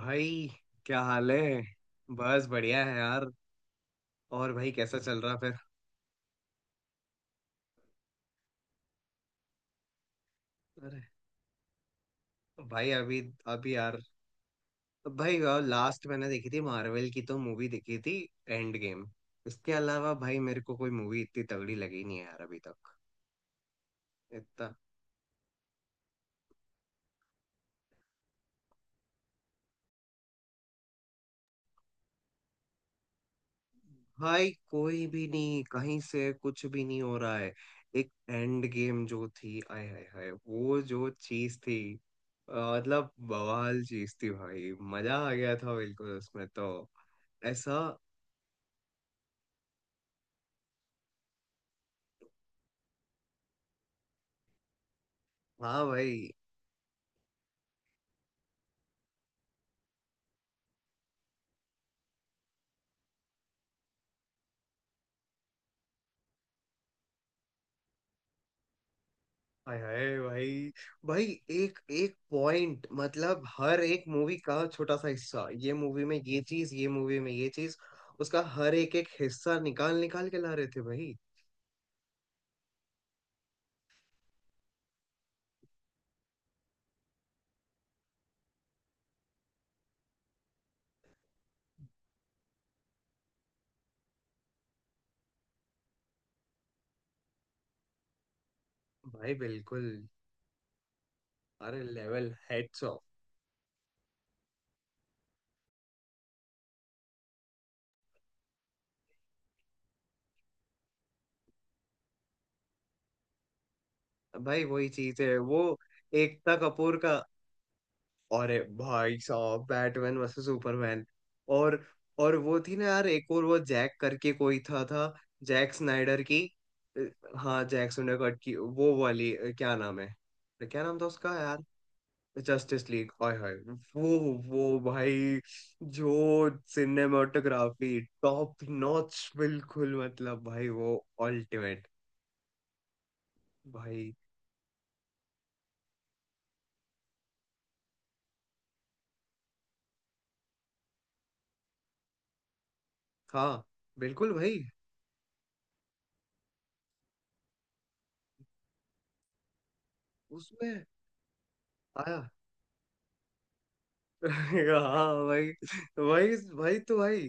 भाई, क्या हाल है। बस बढ़िया है यार। और भाई कैसा चल रहा फिर? अरे भाई अभी अभी यार, भाई लास्ट मैंने देखी थी, मार्वल की तो मूवी देखी थी, एंड गेम। इसके अलावा भाई मेरे को कोई मूवी इतनी तगड़ी लगी नहीं है यार अभी तक। इतना भाई, कोई भी नहीं, कहीं से कुछ भी नहीं हो रहा है। एक एंड गेम जो थी, आय हाय हाय, वो जो चीज थी। मतलब बवाल चीज थी भाई, मजा आ गया था बिल्कुल उसमें तो। ऐसा। हाँ भाई। आय हाय भाई। भाई एक एक पॉइंट मतलब, हर एक मूवी का छोटा सा हिस्सा, ये मूवी में ये चीज, ये मूवी में ये चीज। उसका हर एक एक हिस्सा निकाल निकाल के ला रहे थे भाई। भाई बिल्कुल। अरे लेवल हेड्स। भाई वही चीज है वो, एकता कपूर का। अरे भाई साहब, बैटमैन वर्सेस सुपरमैन। और और वो थी ना यार, एक और वो जैक करके कोई था। जैक स्नाइडर की। अ, हाँ जैक स्नाइडर कट की वो वाली, क्या नाम है, क्या नाम था उसका यार। जस्टिस लीग, हाय हाय। वो वो भाई, जो सिनेमाटोग्राफी टॉप नॉच बिल्कुल, मतलब भाई वो अल्टीमेट। भाई हाँ बिल्कुल भाई। उसमें आया। हाँ भाई। भाई। भाई।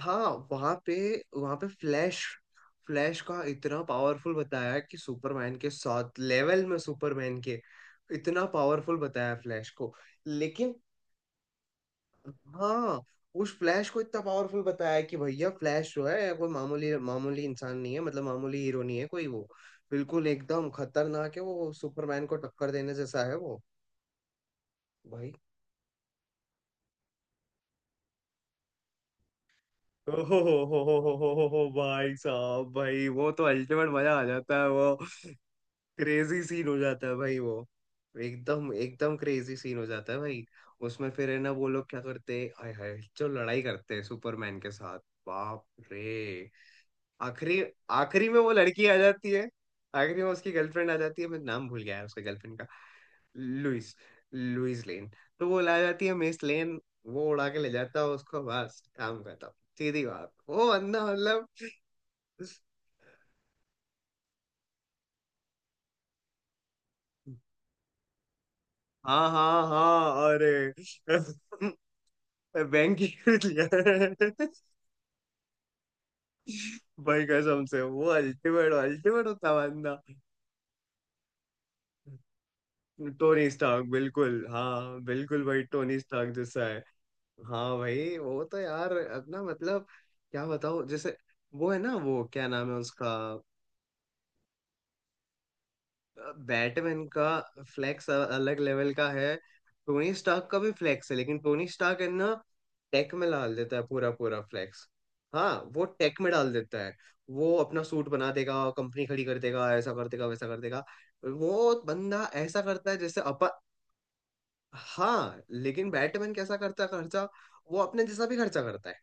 हाँ वहां पे, वहां पे फ्लैश। फ्लैश का इतना पावरफुल बताया कि सुपरमैन के साथ लेवल में सुपरमैन के, इतना पावरफुल बताया फ्लैश को। लेकिन हाँ। उस फ्लैश को इतना पावरफुल बताया कि भैया फ्लैश जो है कोई मामूली मामूली इंसान नहीं है, मतलब मामूली हीरो नहीं है कोई वो। बिल्कुल एकदम खतरनाक है वो, सुपरमैन को टक्कर देने जैसा है वो। भाई ओहो हो, भाई साहब, भाई वो तो अल्टीमेट मजा आ जाता है वो। क्रेजी सीन हो जाता है भाई वो। एकदम एकदम क्रेजी सीन हो जाता है भाई। उसमें फिर है ना, वो लोग क्या करते हैं, आय हाय, जो लड़ाई करते हैं सुपरमैन के साथ। बाप रे। आखिरी आखिरी में वो लड़की आ जाती है, आखिरी में उसकी गर्लफ्रेंड आ जाती है, मैं नाम भूल गया है उसके गर्लफ्रेंड का। Lois, Lois Lane. तो वो ला जाती है मिस लेन, वो उड़ा के ले जाता है उसको, बस काम खत्म। सीधी बात, वो बंदा मतलब। हाँ हाँ हाँ, अरे। बैंक ही खरीद लिया। भाई कसम से, वो अल्टीमेट अल्टीमेट होता बंदा। टोनी स्टार्क, बिल्कुल हाँ, बिल्कुल भाई टोनी स्टार्क जैसा है। हाँ भाई वो तो यार अपना मतलब, क्या बताओ जैसे। वो है ना, वो क्या नाम है उसका, बैटमैन का फ्लैक्स अलग लेवल का है। टोनी स्टार्क का भी फ्लैक्स है, लेकिन टोनी स्टार्क है ना, टेक में डाल देता है पूरा, पूरा फ्लैक्स। हाँ, वो टेक में डाल देता है। वो अपना सूट बना देगा, कंपनी खड़ी कर देगा, ऐसा कर देगा, वैसा कर देगा। वो बंदा ऐसा करता है जैसे अपन। हाँ लेकिन बैटमैन कैसा करता है खर्चा, वो अपने जैसा भी खर्चा करता है,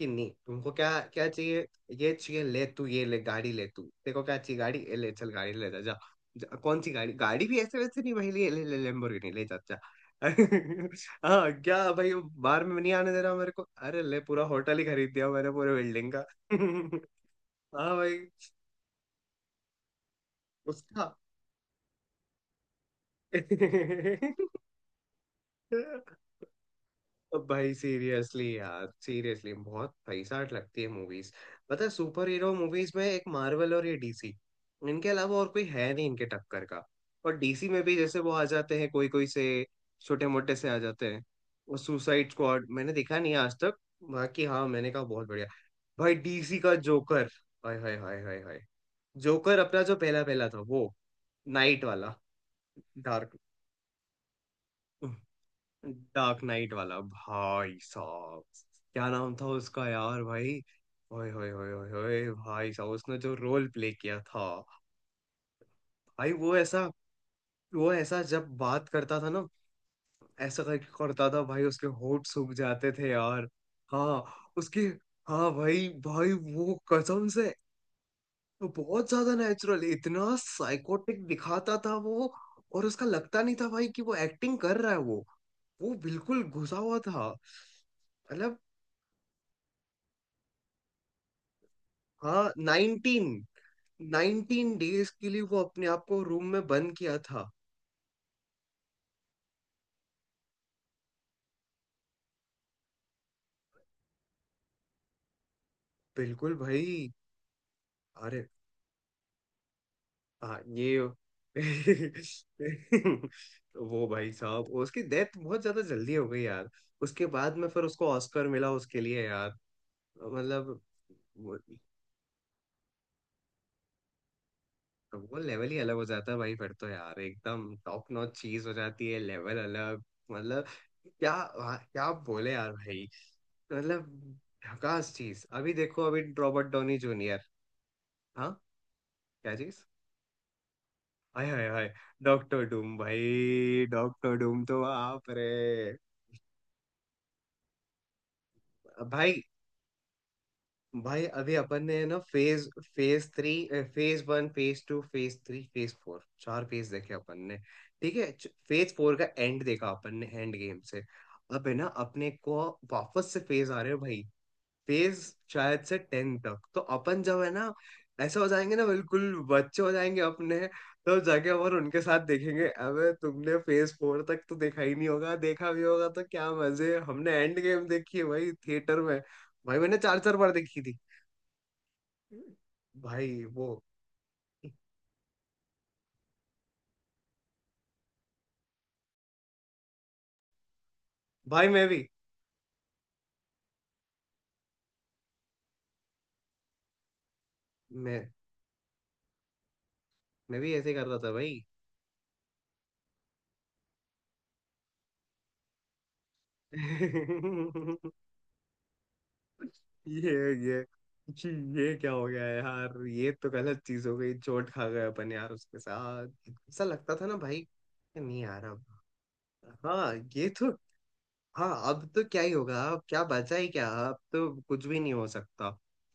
कि नहीं तुमको क्या क्या चाहिए, ये चाहिए ले तू, ये ले गाड़ी, ले तू देखो क्या चाहिए गाड़ी, ये ले चल गाड़ी, ले जा, जा, जा, कौन सी गाड़ी, गाड़ी भी ऐसे वैसे नहीं भाई, ले ले ले Lamborghini, ले जा जा। हाँ क्या भाई, बाहर में नहीं आने दे रहा मेरे को, अरे ले पूरा होटल ही खरीद दिया मैंने पूरे बिल्डिंग का। हाँ भाई उसका। अब भाई सीरियसली यार, सीरियसली बहुत पैसा लगती है मूवीज, पता है, सुपर हीरो मूवीज में एक मार्वल और ये डीसी, इनके अलावा और कोई है नहीं इनके टक्कर का। और डीसी में भी जैसे वो आ जाते हैं, कोई कोई से छोटे मोटे से आ जाते हैं। वो सुसाइड स्क्वाड मैंने देखा नहीं आज तक। बाकी हाँ, मैंने कहा बहुत बढ़िया। भाई डीसी का जोकर, हाय हाय हाय हाय हाय, जोकर अपना जो पहला पहला था वो नाइट वाला, डार्क, डार्क नाइट वाला भाई साहब। क्या नाम था उसका यार भाई। ओए होए होए होए होए, भाई साहब उसने जो रोल प्ले किया था, भाई वो ऐसा, वो ऐसा जब बात करता था ना, ऐसा करके करता था भाई, उसके होंठ सूख जाते थे यार। हाँ उसके, हाँ भाई भाई वो कसम से वो बहुत ज्यादा नेचुरल, इतना साइकोटिक दिखाता था वो। और उसका लगता नहीं था भाई कि वो एक्टिंग कर रहा है वो बिल्कुल घुसा हुआ था। मतलब। हाँ नाइनटीन नाइनटीन डेज के लिए वो अपने आप को रूम में बंद किया था। बिल्कुल भाई। अरे, हाँ ये। वो भाई साहब, उसकी डेथ बहुत ज्यादा जल्दी हो गई यार, उसके बाद में फिर उसको ऑस्कर मिला उसके लिए यार। मतलब वो, वो लेवल ही अलग हो जाता है भाई फिर तो यार, एकदम टॉप नॉच चीज हो जाती है, लेवल अलग। मतलब क्या। हाँ, क्या बोले यार भाई। मतलब झकास चीज, अभी देखो अभी रॉबर्ट डॉनी जूनियर। हाँ। क्या चीज। हाय हाय हाय। डॉक्टर डूम भाई, डॉक्टर डूम तो आप रे। भाई भाई अभी अपन ने ना phase, phase 3, phase 1, phase 2, phase 3, phase 4, 4 phase देखे अपन ने। ठीक है। फेज 4 का एंड देखा अपन ने एंड गेम से। अब है ना अपने को, वापस से फेज आ रहे हो भाई। फेज शायद से 10 तक तो अपन जब है ना, ऐसा हो जाएंगे ना, बिल्कुल बच्चे हो जाएंगे अपने। तब जाके और उनके साथ देखेंगे, अबे तुमने फेज 4 तक तो देखा ही नहीं होगा, देखा भी होगा तो क्या मजे, हमने एंड गेम देखी है भाई थिएटर में। भाई मैंने चार चार बार देखी थी। भाई वो। भाई मैं मैं भी ऐसे ही कर रहा था भाई। ये ये जी, ये क्या हो गया यार, ये तो गलत चीज हो गई, चोट खा गए अपन यार, उसके साथ ऐसा लगता था ना भाई कि नहीं यार अब। हाँ ये तो, हाँ अब तो क्या ही होगा, अब क्या बचा, ही क्या अब तो कुछ भी नहीं हो सकता।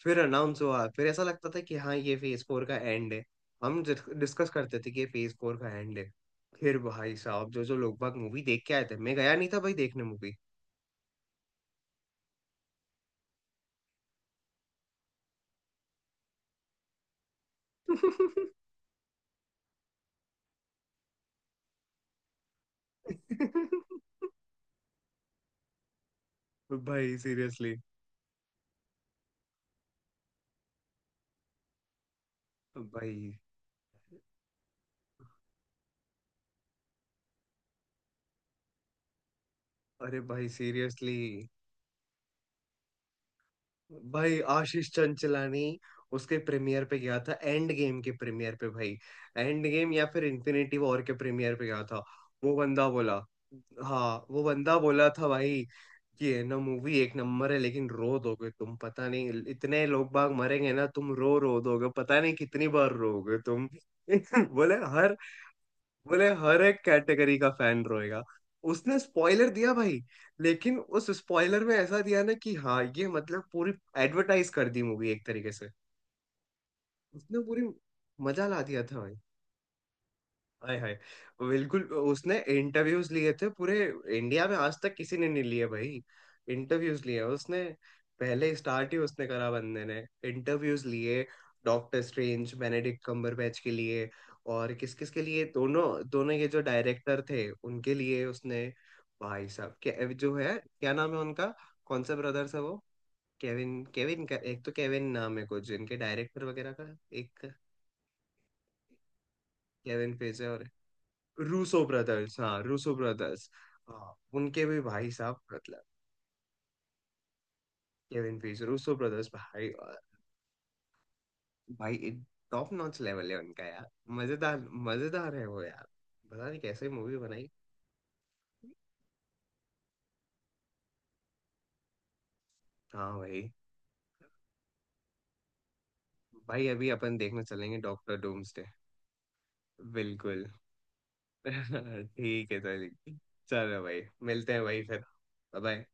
फिर अनाउंस हुआ, फिर ऐसा लगता था कि हाँ ये फेज 4 का एंड है। हम डिस्कस करते थे कि ये फेज 4 का एंड है। फिर भाई साहब जो जो लोग बाग मूवी देख के आए थे, मैं गया नहीं था भाई देखने मूवी। भाई सीरियसली भाई। अरे भाई सीरियसली। भाई आशीष चंचलानी, उसके प्रीमियर पे गया था एंड गेम के प्रीमियर पे भाई। एंड गेम या फिर इन्फिनिटी वॉर के प्रीमियर पे गया था। वो बंदा बोला, हाँ वो बंदा बोला था भाई, कि है ना मूवी एक नंबर है, लेकिन रो दोगे तुम, पता नहीं इतने लोग बाग मरेंगे ना, तुम रो रो दोगे, पता नहीं कितनी बार रोगे तुम। बोले हर बोले हर एक कैटेगरी का फैन रोएगा। उसने स्पॉइलर दिया भाई, लेकिन उस स्पॉइलर में ऐसा दिया ना कि हाँ ये मतलब पूरी एडवर्टाइज कर दी मूवी एक तरीके से। उसने पूरी मजा ला दिया था। हाय हाय। बिल्कुल, उसने इंटरव्यूज लिए थे पूरे, इंडिया में आज तक किसी ने नहीं लिए भाई। इंटरव्यूज लिए उसने, पहले स्टार्ट ही उसने करा बंदे ने, इंटरव्यूज लिए, डॉक्टर स्ट्रेंज, बेनेडिक्ट कम्बरबैच के लिए, और किस किस के लिए, दोनों, दोनों ये जो डायरेक्टर थे उनके लिए उसने। भाई साहब के जो है, क्या नाम है उनका, कौन सा ब्रदर्स है वो, केविन, केविन का एक तो केविन नाम है कुछ इनके डायरेक्टर वगैरह का। एक केविन फेज है और, रूसो ब्रदर्स, हाँ रूसो ब्रदर्स। हाँ उनके भी भाई साहब मतलब, केविन पीस रूसो ब्रदर्स भाई। भाई टॉप नॉच लेवल है उनका यार। मजेदार, मजेदार है वो यार। पता नहीं कैसे मूवी बनाई। हाँ भाई। भाई अभी अपन देखने चलेंगे डॉक्टर डूम्सडे। बिल्कुल। ठीक है, चलेंगे। चलो भाई, मिलते हैं भाई फिर। बाय।